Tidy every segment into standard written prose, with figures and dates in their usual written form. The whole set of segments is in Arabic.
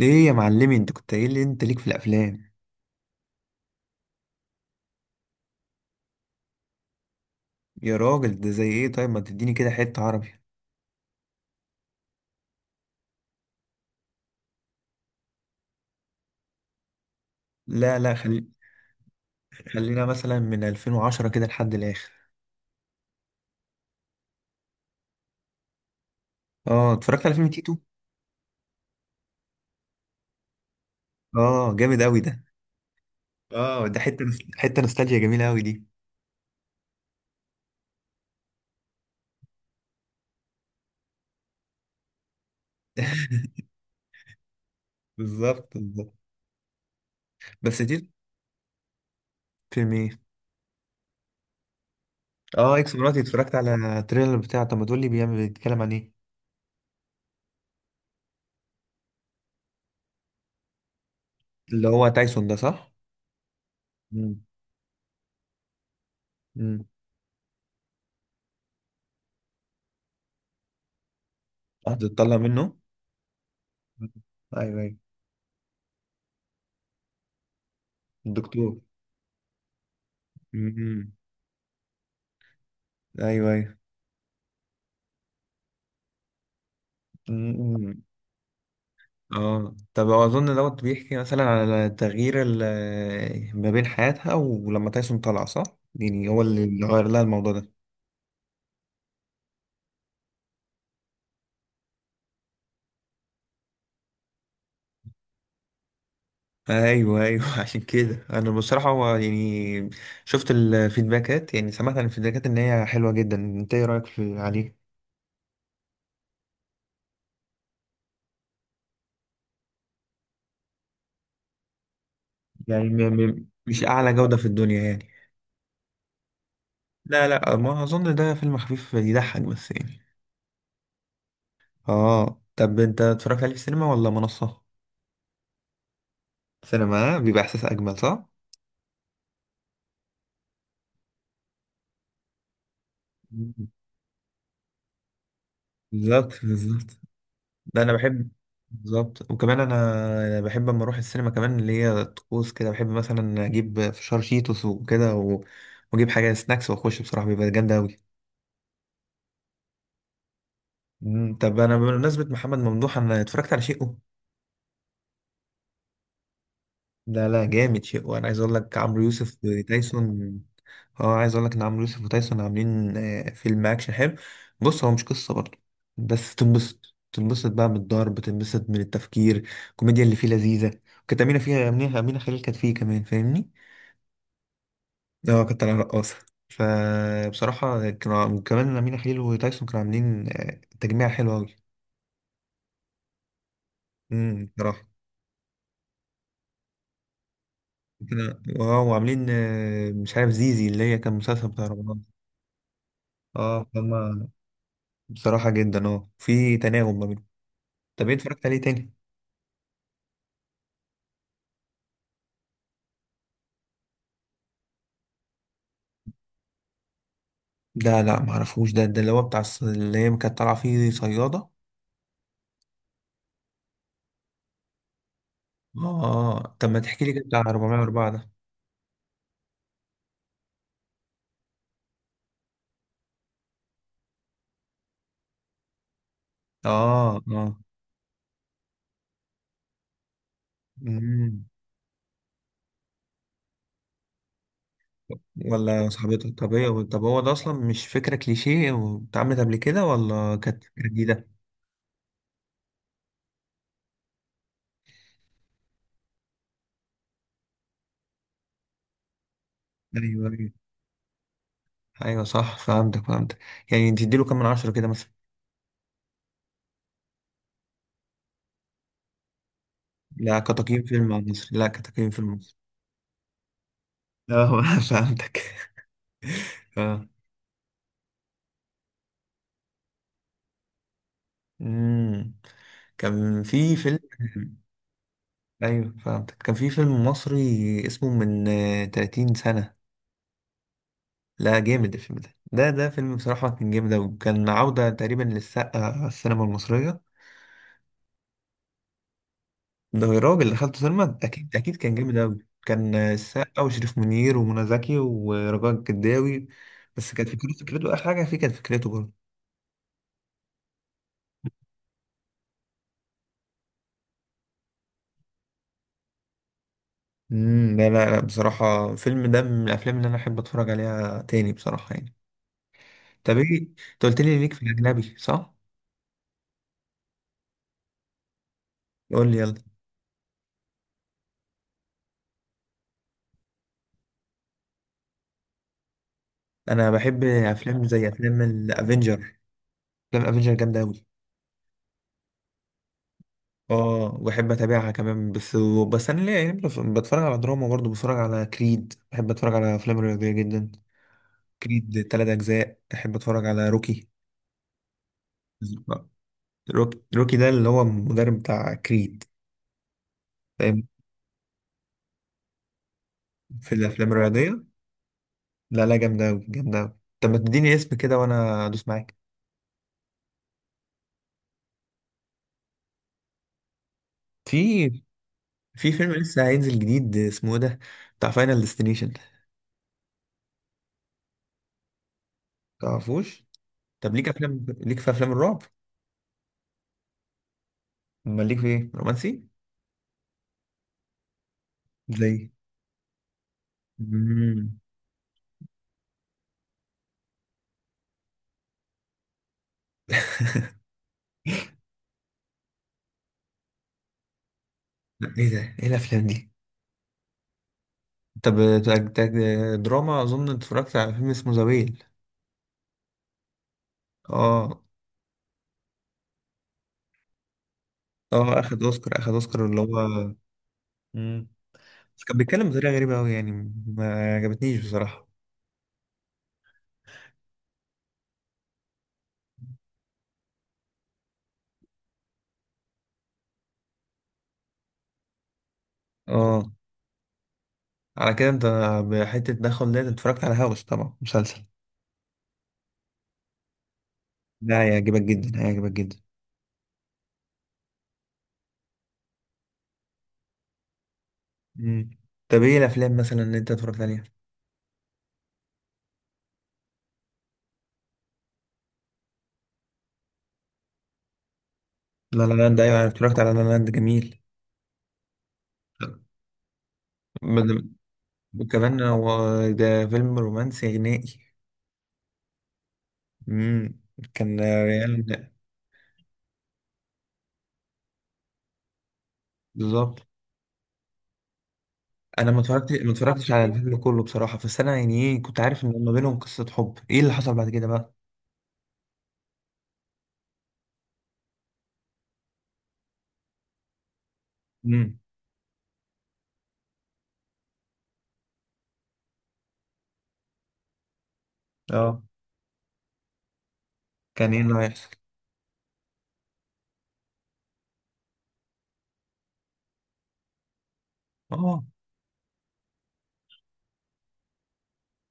ايه يا معلمي، انت كنت قايل لي انت ليك في الافلام. يا راجل ده زي ايه؟ طيب ما تديني كده حتة عربي. لا لا خل... خلينا مثلا من 2010 كده لحد الاخر. اه، اتفرجت على فيلم تيتو. اه جامد قوي ده. اه ده حتة نوستالجيا جميلة قوي دي. بالظبط بالظبط. بس تيتو. فيلم ايه؟ اه اكس مراتي، اتفرجت على التريلر بتاعه. طب ما تقول لي بيعمل، بيتكلم عن ايه؟ اللي هو تايسون ده، صح؟ امم امم. هتطلع منه. ايوه ايوه. الدكتور. امم ايوه ايوه. مم. اه، طب اظن دوت بيحكي مثلا على تغيير ما بين حياتها ولما تايسون طلع، صح؟ يعني هو اللي غير لها الموضوع ده. ايوه ايوه. عشان كده انا بصراحه، هو يعني شفت الفيدباكات، يعني سمعت عن الفيدباكات ان هي حلوه جدا. انت ايه رايك في عليه؟ يعني م م مش اعلى جوده في الدنيا يعني. لا لا، ما اظن ده فيلم خفيف يضحك بس يعني. اه، طب انت اتفرجت عليه في السينما ولا منصه؟ سينما بيبقى احساس اجمل، صح؟ بالظبط بالظبط. ده انا بحب. بالظبط. وكمان انا بحب اما اروح السينما كمان اللي هي طقوس كده. بحب مثلا اجيب فشار، شيتوس، وكده، واجيب حاجه سناكس واخش، بصراحه بيبقى جامد قوي. طب انا، بمناسبه محمد ممدوح، انا اتفرجت على شيء. لا لا، جامد شيء. وانا عايز اقول لك عمرو يوسف وتايسون. اه عايز اقول لك ان عمرو يوسف وتايسون عاملين فيلم اكشن حلو. بص، هو مش قصه برضه، بس تنبسط. تنبسط بقى من الضرب، تنبسط من التفكير، الكوميديا اللي فيه لذيذه. كانت امينه فيها، امينه خليل كانت فيه كمان، فاهمني؟ اه كانت رقاصه. فبصراحه كانوا كمان امينه خليل وتايسون كانوا عاملين تجميع حلو قوي. بصراحه. اه، وعاملين مش عارف زيزي اللي هي كان مسلسل بتاع رمضان. اه هما. بصراحة جدا، اه في تناغم ما بينهم. طب ايه اتفرجت عليه تاني؟ ده لا معرفوش، ده ده اللي هو اللي هي كانت طالعة فيه صيادة. اه طب ما تحكي لي كده بتاع 404 ده. اه اه. مم. ولا صاحبتك. طب ايه، طب هو ده اصلا مش فكرة كليشيه واتعملت قبل كده ولا كانت فكرة جديدة؟ ايوه ايوه. ايوه صح، فهمتك فهمتك. يعني تديله كام من عشرة كده مثلا؟ لا كتقييم فيلم على مصر، لا كتقييم فيلم مصر. اه فهمتك. آه. مم. كان في فيلم. ايوه فهمتك، كان في فيلم مصري اسمه من 30 سنة. لا جامد الفيلم ده، ده فيلم بصراحة كان جامد أوي، كان عودة تقريبا للسقا على السينما المصرية. ده الراجل اللي دخلته سينما أكيد أكيد، كان جامد أوي. كان السقا وشريف منير ومنى زكي ورجاء الجداوي. بس كانت فكرته، آخر حاجة فيه كانت فكرته برضه. امم، لا لا لا، بصراحة الفيلم ده من الأفلام اللي أنا أحب أتفرج عليها تاني بصراحة يعني. طب ايه. انت قلت لي ليك في الاجنبي، صح؟ قول لي يلا. انا بحب افلام زي افلام الافنجر. افلام الافنجر جامده قوي. اه بحب اتابعها كمان، بس. بس انا ليه يعني، بتفرج على دراما برضه، بتفرج على كريد، بحب اتفرج على افلام رياضيه جدا. كريد تلات اجزاء، بحب اتفرج على روكي. روكي ده اللي هو المدرب بتاع كريد. فاهم. في الافلام الرياضيه. لا لا جامده قوي جامده قوي. طب ما تديني اسم كده وانا ادوس معاك. في في فيلم لسه هينزل جديد اسمه إيه ده، بتاع فاينل ديستنيشن. تعرفوش؟ طب ليك افلام، ليك في افلام الرعب؟ امال ليك في ايه، رومانسي؟ زي؟ امم. لا ايه ده، ايه الافلام دي؟ طب. تاك- تاك- دراما، اظن اتفرجت على فيلم اسمه ذا ويل. اه. اه اخد اوسكار، اخد اوسكار اللي هو. مم. بس كان بيتكلم بطريقه غريبه قوي يعني، ما عجبتنيش بصراحه. اه على كده انت، بحته تدخل ده. أنت اتفرجت على هاوس طبعا، مسلسل؟ ده هيعجبك جدا هيعجبك جدا. مم. طب ايه الافلام مثلا اللي انت اتفرجت عليها؟ لا لا لاند. ايوه انا اتفرجت على لا لا لاند، جميل. بد- وكمان هو. ده فيلم رومانسي غنائي. امم. كان ريال. بالظبط. انا ما اتفرجتش، على الفيلم كله بصراحه، بس انا يعني ايه، كنت عارف ان ما بينهم قصه حب. ايه اللي حصل بعد كده بقى؟ امم. اه، كان ايه اللي هيحصل؟ اه.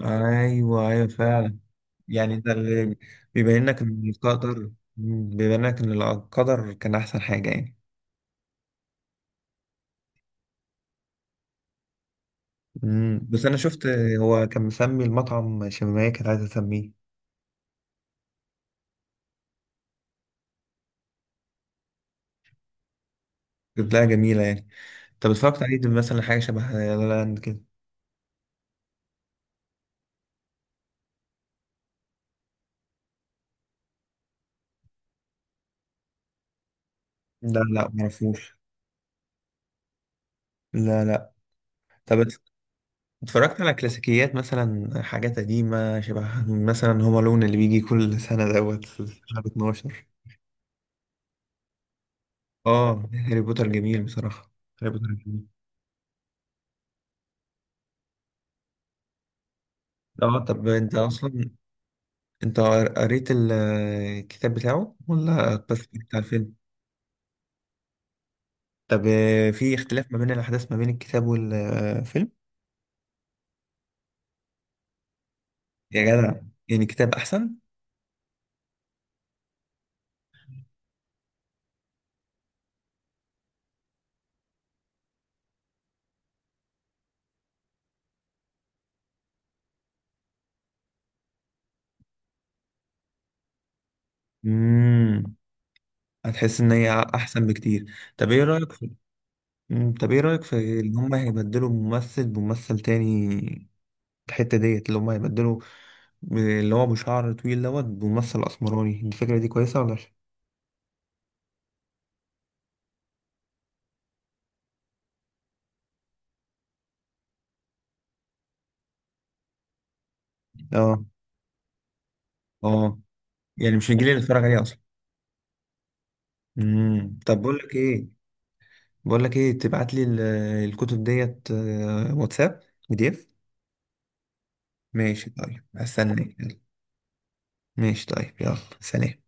ايوه ايوه فعلا. يعني ده اللي بيبين لك ان القدر. مم، بيبين لك ان القدر كان احسن حاجه يعني. مم. بس انا شفت، هو كان مسمي المطعم شمامية، كانت عايزة تسميه. كانت لها جميلة يعني. طب اتفرجت عليه مثلا حاجة شبه لا لا لاند كده؟ لا لا معرفوش. لا لا. طب اتفرجت على كلاسيكيات، مثلا حاجات قديمة شبه مثلا هوم الون اللي بيجي كل سنة دوت في شهر 12؟ اه. هاري بوتر جميل بصراحة، هاري بوتر جميل. اه طب انت اصلا، انت قريت الكتاب بتاعه ولا بس اتفرجت على الفيلم؟ طب في اختلاف ما بين الأحداث ما بين الكتاب والفيلم؟ يا جدع. يعني الكتاب أحسن. امم. هتحس إن هي أحسن بكتير. طب إيه رأيك في. مم، طب إيه رأيك في إن هما هيبدلوا ممثل بممثل تاني؟ الحتة ديت اللي هما هيبدلوا اللي هو بشعر طويل دوت بممثل أسمراني، الفكرة دي كويسة ولا اه؟ اه. يعني مش الجيل اللي اتفرج عليه أصلا. امم. طب بقول لك إيه، بقول لك إيه، تبعت لي الكتب ديت واتساب PDF. ماشي طيب، هستناك يلا. ماشي طيب، يلا سلام.